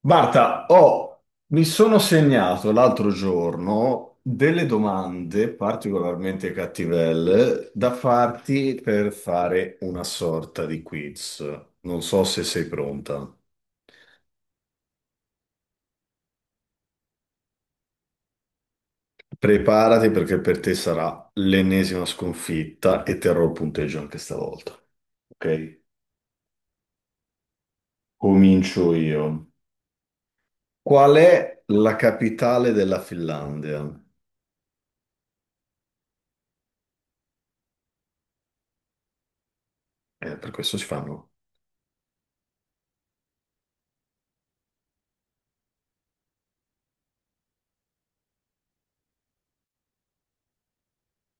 Marta, mi sono segnato l'altro giorno delle domande particolarmente cattivelle da farti per fare una sorta di quiz. Non so se sei pronta. Preparati perché per te sarà l'ennesima sconfitta e terrò il punteggio anche stavolta. Ok? Comincio io. Qual è la capitale della Finlandia? Per questo si fanno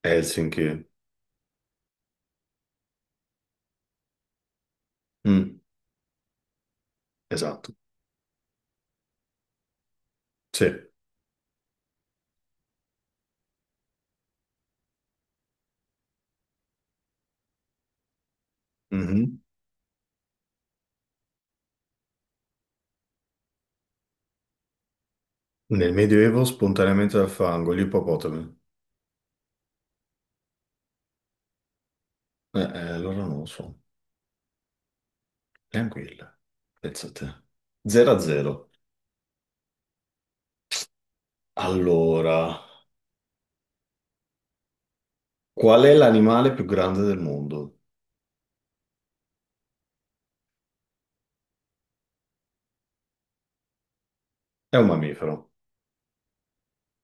Helsinki. Mm, esatto. Sì. Mhm. Nel Medioevo spontaneamente dal fango, gli ippopotami. Eh, allora non lo so, neanche il. Pensa a te. 0 a 0. Allora, qual è l'animale più grande del mondo? È un mammifero.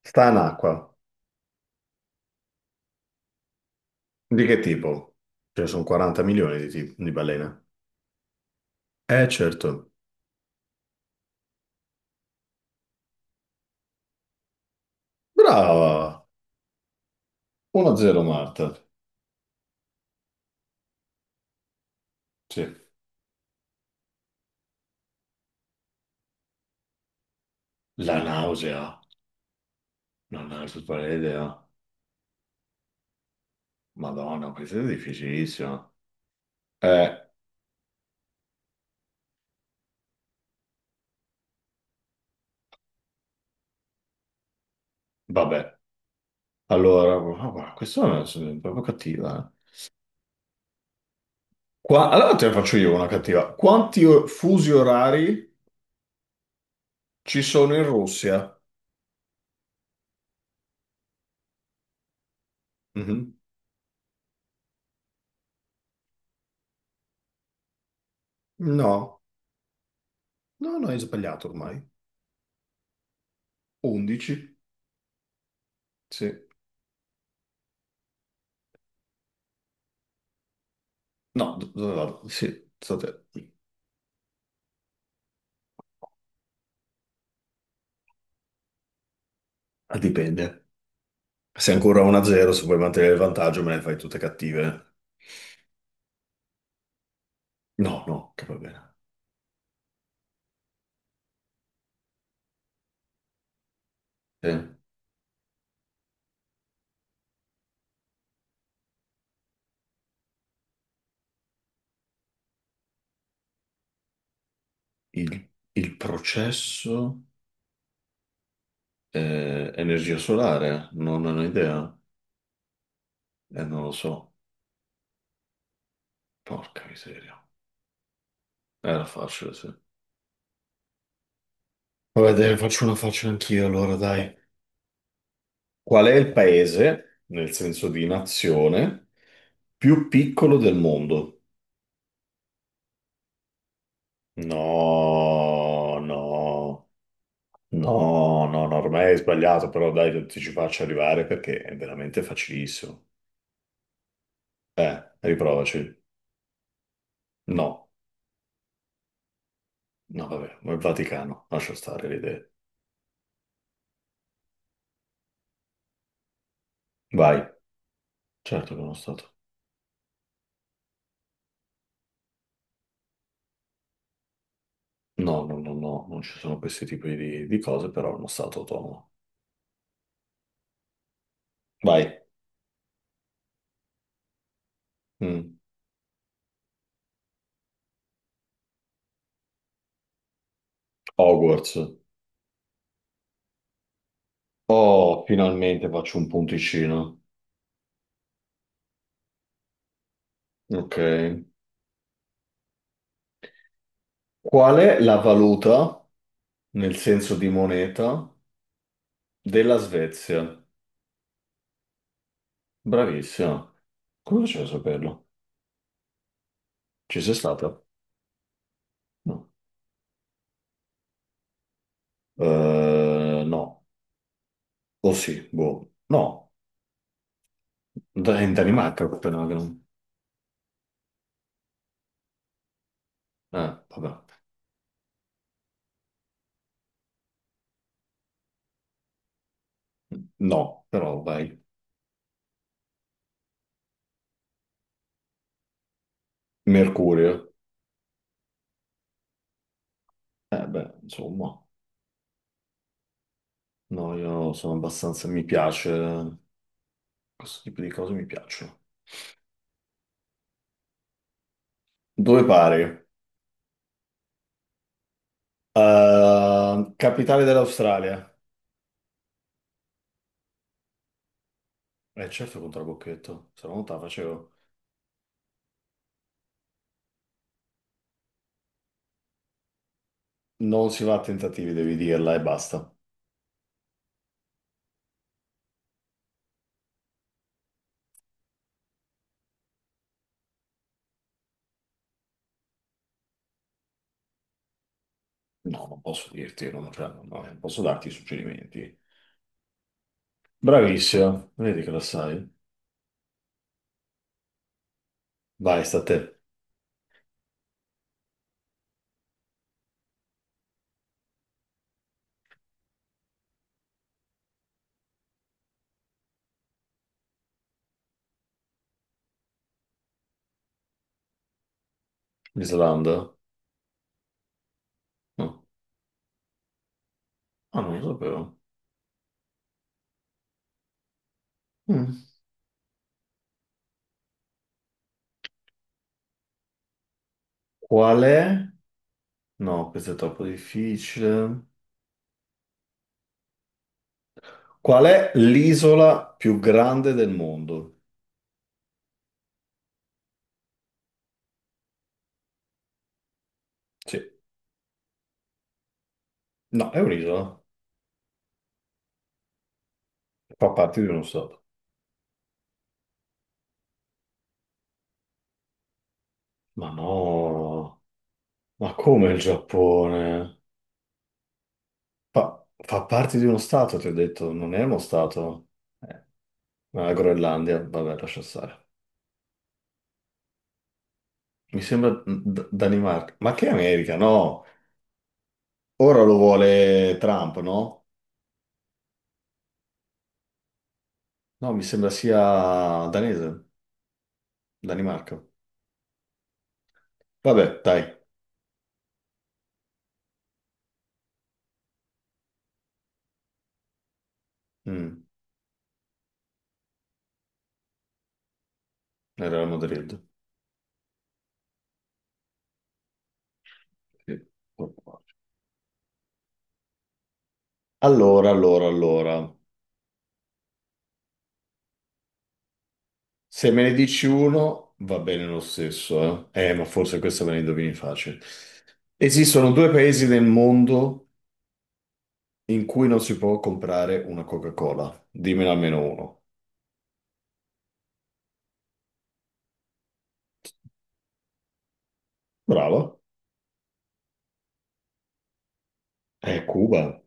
Sta in acqua. Di che tipo? Ce ne sono 40 milioni di balene. Certo. Brava! 1 a 0 Marta. Sì. La nausea. Non è super idea. Madonna, questa è difficilissima. Eh, vabbè. Allora, ah, guarda, è proprio cattiva, eh. Allora te ne faccio io una cattiva. Fusi orari ci sono in Russia? Mhm. No, no, no, hai sbagliato ormai. 11? Sì. No, dove vado? Sì, state... Ah, dipende. Se è ancora 1-0, se vuoi mantenere il vantaggio, me le fai tutte cattive. No, no, che va bene. Eh, il processo è energia solare? Non ne ho idea. Non lo so. Porca miseria. Era facile, sì. Vabbè, te ne faccio una faccia anch'io, allora, dai. Qual è il paese, nel senso di nazione, più piccolo del mondo? No, no, no, no, no, ormai hai sbagliato, però dai, ti ci faccio arrivare perché è veramente facilissimo. Riprovaci. No, no, vabbè, ma il Vaticano, lascia stare le idee. Vai. Certo che è uno stato. No, no, no, no, non ci sono questi tipi di cose, però è uno stato autonomo. Vai. Mm. Hogwarts. Oh, finalmente faccio un punticino. Ok. Qual è la valuta, nel senso di moneta, della Svezia? Bravissima. Come facevo a saperlo? Ci sei stata? No. No. O sì, boh. No. In Danimarca, Copenaghen. Vabbè. No, però vai. Mercurio. Eh beh, insomma. No, io sono abbastanza... Mi piace... questo tipo di cose mi piacciono. Due pari. Capitale dell'Australia. Eh certo contro la Bocchetto, se no non te la facevo. Non si va a tentativi, devi dirla e basta. No, non posso dirti, non, cioè, non- no, non posso darti suggerimenti. Bravissimo, vedi che la sai. Vai, sta a te. Islanda? No. Ah, non lo sapevo. Mm. Qual è? No, questo è troppo difficile. Qual è l'isola più grande del mondo? Sì. No, è un'isola. Fa parte di uno stato. Ma no, ma come il Giappone? Fa parte di uno stato, ti ho detto, non è uno stato. Eh, ma la Groenlandia, vabbè, lascia stare. Danimarca. Ma che America? No, ora lo vuole Trump, no? No, mi sembra sia danese, Danimarca. Vabbè, dai, mm, era la Madrid. Sì. Allora, allora, allora. Se me ne dici uno, va bene lo stesso, eh? Ma forse questa me la indovini facile. Esistono due paesi nel mondo in cui non si può comprare una Coca-Cola. Dimmene almeno uno. Bravo. È Cuba.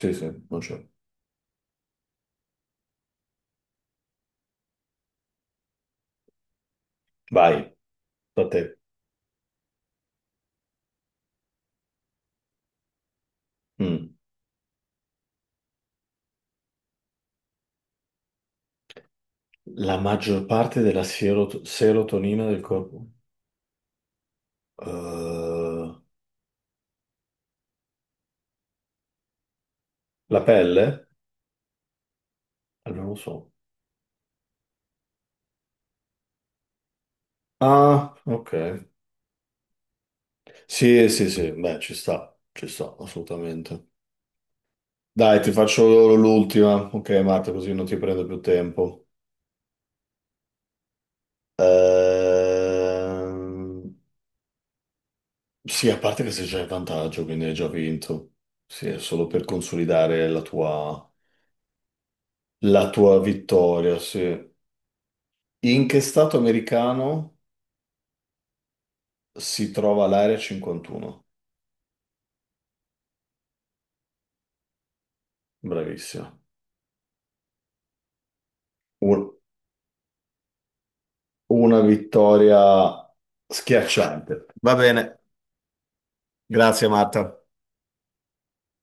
Sì, sì, non c'è. Vai, da te. Mm. La maggior parte della serotonina del corpo. Eh, la pelle? Allora, non lo so. Ah, ok. Sì, sì, sì, beh, ci sta, assolutamente. Dai, ti faccio l'ultima. Ok, Marta, così non ti prendo più tempo. Ehm, sì, a parte che se c'è il vantaggio, quindi hai già vinto. Sì, è solo per consolidare la tua vittoria, sì. In che stato americano si trova l'area 51? Bravissima. Un- una vittoria schiacciante. Va bene, grazie Marta.